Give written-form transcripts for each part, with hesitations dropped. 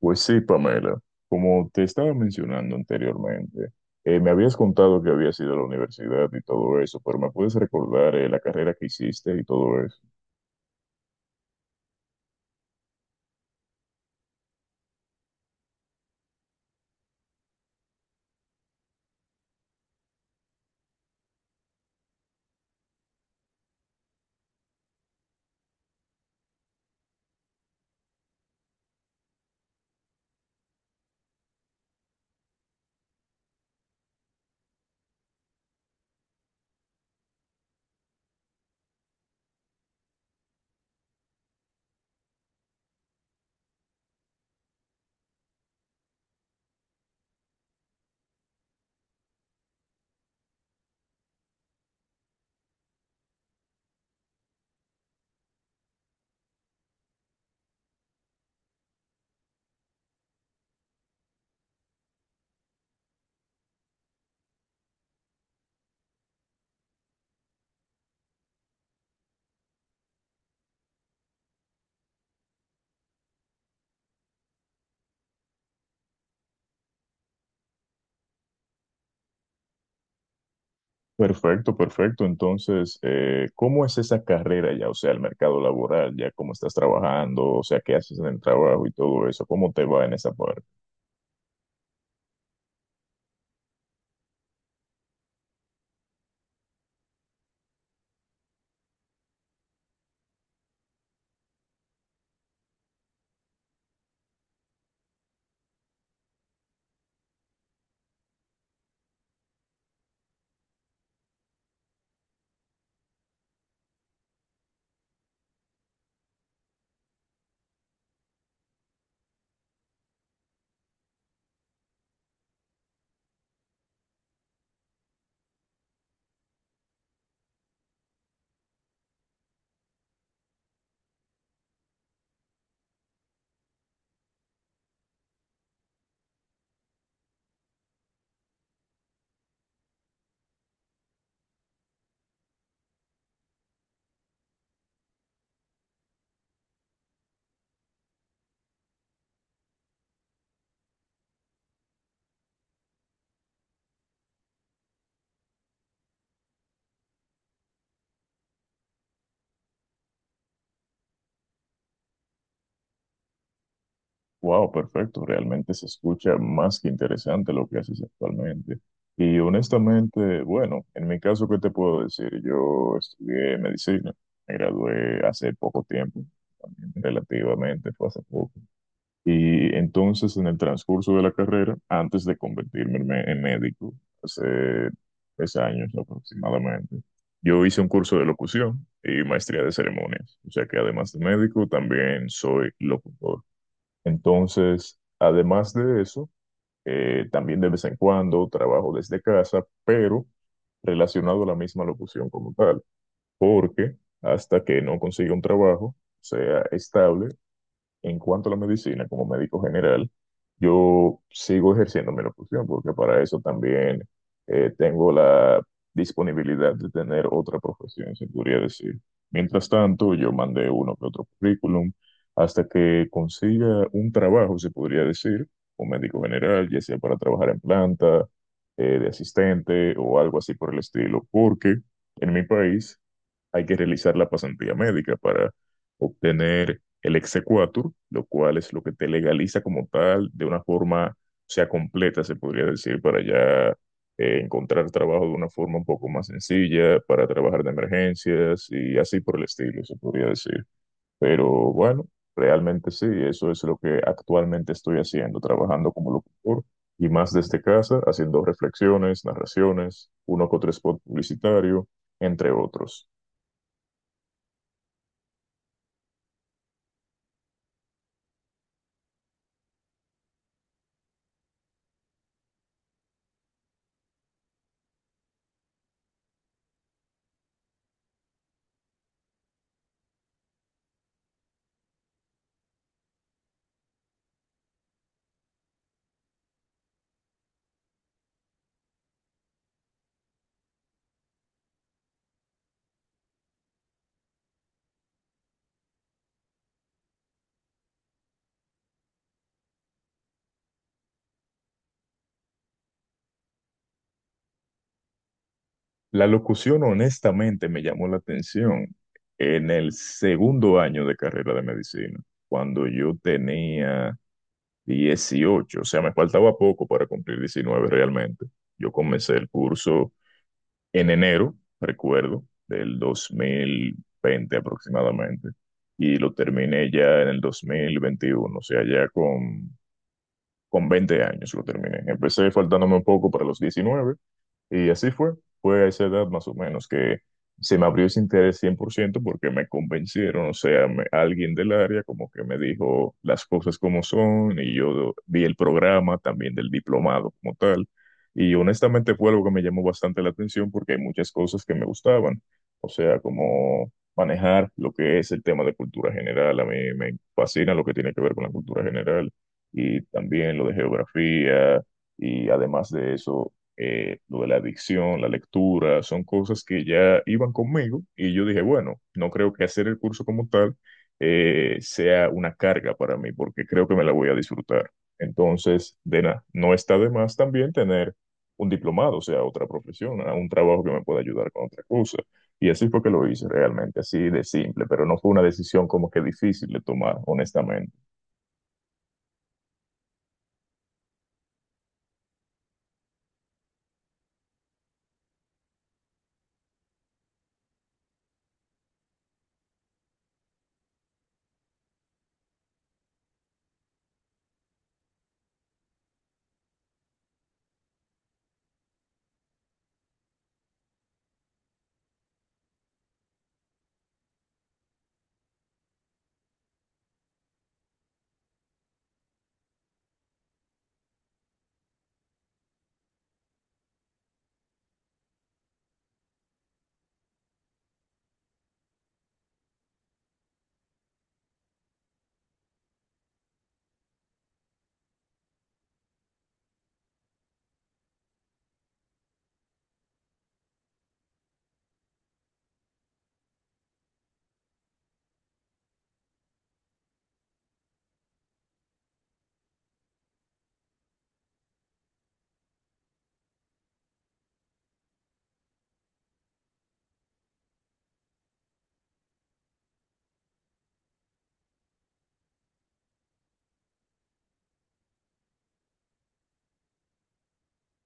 Pues sí, Pamela, como te estaba mencionando anteriormente, me habías contado que habías ido a la universidad y todo eso, pero ¿me puedes recordar la carrera que hiciste y todo eso? Perfecto, perfecto. Entonces, ¿cómo es esa carrera ya? O sea, el mercado laboral, ya cómo estás trabajando, o sea, qué haces en el trabajo y todo eso, ¿cómo te va en esa parte? Wow, perfecto. Realmente se escucha más que interesante lo que haces actualmente. Y honestamente, bueno, en mi caso, ¿qué te puedo decir? Yo estudié medicina, me gradué hace poco tiempo, también relativamente fue hace poco. Y entonces, en el transcurso de la carrera, antes de convertirme en, en médico, hace 3 años aproximadamente, yo hice un curso de locución y maestría de ceremonias. O sea que además de médico, también soy locutor. Entonces, además de eso, también de vez en cuando trabajo desde casa, pero relacionado a la misma locución como tal, porque hasta que no consiga un trabajo, sea estable, en cuanto a la medicina, como médico general, yo sigo ejerciendo mi locución porque para eso también tengo la disponibilidad de tener otra profesión, se podría decir. Mientras tanto, yo mandé uno que otro currículum hasta que consiga un trabajo, se podría decir, como médico general, ya sea para trabajar en planta, de asistente o algo así por el estilo, porque en mi país hay que realizar la pasantía médica para obtener el exequatur, lo cual es lo que te legaliza como tal de una forma, o sea, completa, se podría decir, para ya encontrar trabajo de una forma un poco más sencilla, para trabajar de emergencias y así por el estilo, se podría decir. Pero bueno, realmente sí, eso es lo que actualmente estoy haciendo, trabajando como locutor. Y más desde casa, haciendo reflexiones, narraciones, uno que otro spot publicitario, entre otros. La locución honestamente me llamó la atención en el segundo año de carrera de medicina, cuando yo tenía 18, o sea, me faltaba poco para cumplir 19, realmente. Yo comencé el curso en enero, recuerdo, del 2020 aproximadamente, y lo terminé ya en el 2021, o sea, ya con 20 años lo terminé. Empecé faltándome un poco para los 19 y así fue. Fue a esa edad más o menos que se me abrió ese interés 100% porque me convencieron, o sea, alguien del área como que me dijo las cosas como son y yo vi el programa también del diplomado como tal. Y honestamente fue algo que me llamó bastante la atención porque hay muchas cosas que me gustaban, o sea, como manejar lo que es el tema de cultura general. A mí me fascina lo que tiene que ver con la cultura general y también lo de geografía y además de eso, lo de la adicción, la lectura, son cosas que ya iban conmigo y yo dije, bueno, no creo que hacer el curso como tal sea una carga para mí porque creo que me la voy a disfrutar. Entonces, de nada, no está de más también tener un diplomado, o sea, otra profesión, a un trabajo que me pueda ayudar con otra cosa. Y así fue que lo hice realmente, así de simple, pero no fue una decisión como que difícil de tomar, honestamente.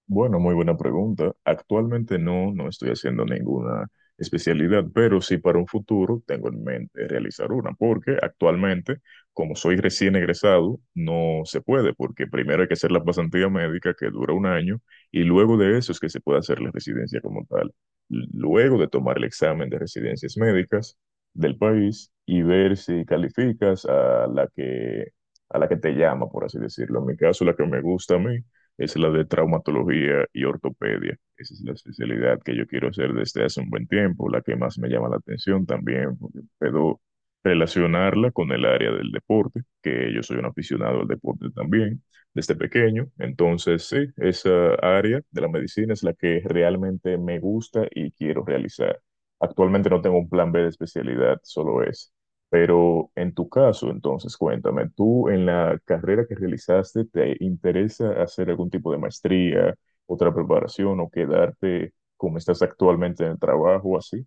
Bueno, muy buena pregunta. Actualmente no, no estoy haciendo ninguna especialidad, pero sí para un futuro tengo en mente realizar una, porque actualmente, como soy recién egresado, no se puede, porque primero hay que hacer la pasantía médica que dura un año y luego de eso es que se puede hacer la residencia como tal. Luego de tomar el examen de residencias médicas del país y ver si calificas a la que te llama, por así decirlo. En mi caso, la que me gusta a mí es la de traumatología y ortopedia. Esa es la especialidad que yo quiero hacer desde hace un buen tiempo, la que más me llama la atención también, porque puedo relacionarla con el área del deporte, que yo soy un aficionado al deporte también desde pequeño. Entonces, sí, esa área de la medicina es la que realmente me gusta y quiero realizar. Actualmente no tengo un plan B de especialidad, solo es. Pero en tu caso, entonces, cuéntame, ¿tú en la carrera que realizaste te interesa hacer algún tipo de maestría, otra preparación o quedarte como estás actualmente en el trabajo, así?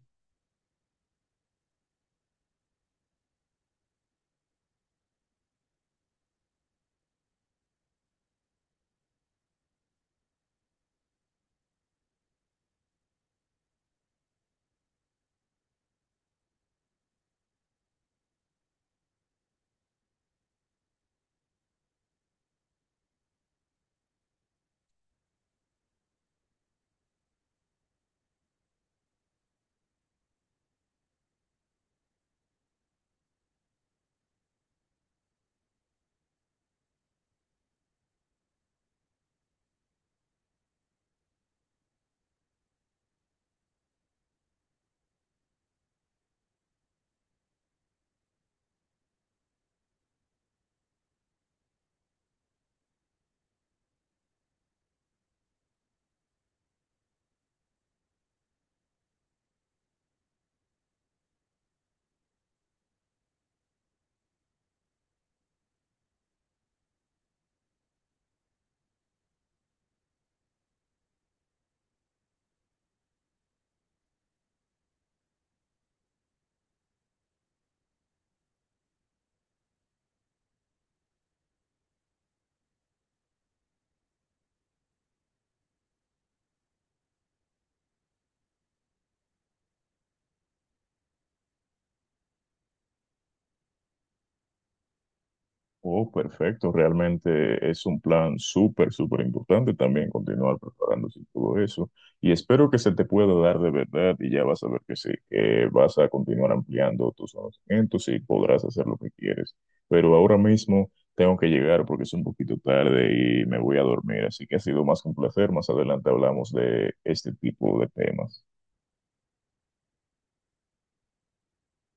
Oh, perfecto, realmente es un plan súper, súper importante también continuar preparándose y todo eso. Y espero que se te pueda dar de verdad y ya vas a ver que sí, que vas a continuar ampliando tus conocimientos y podrás hacer lo que quieres. Pero ahora mismo tengo que llegar porque es un poquito tarde y me voy a dormir, así que ha sido más que un placer. Más adelante hablamos de este tipo de temas.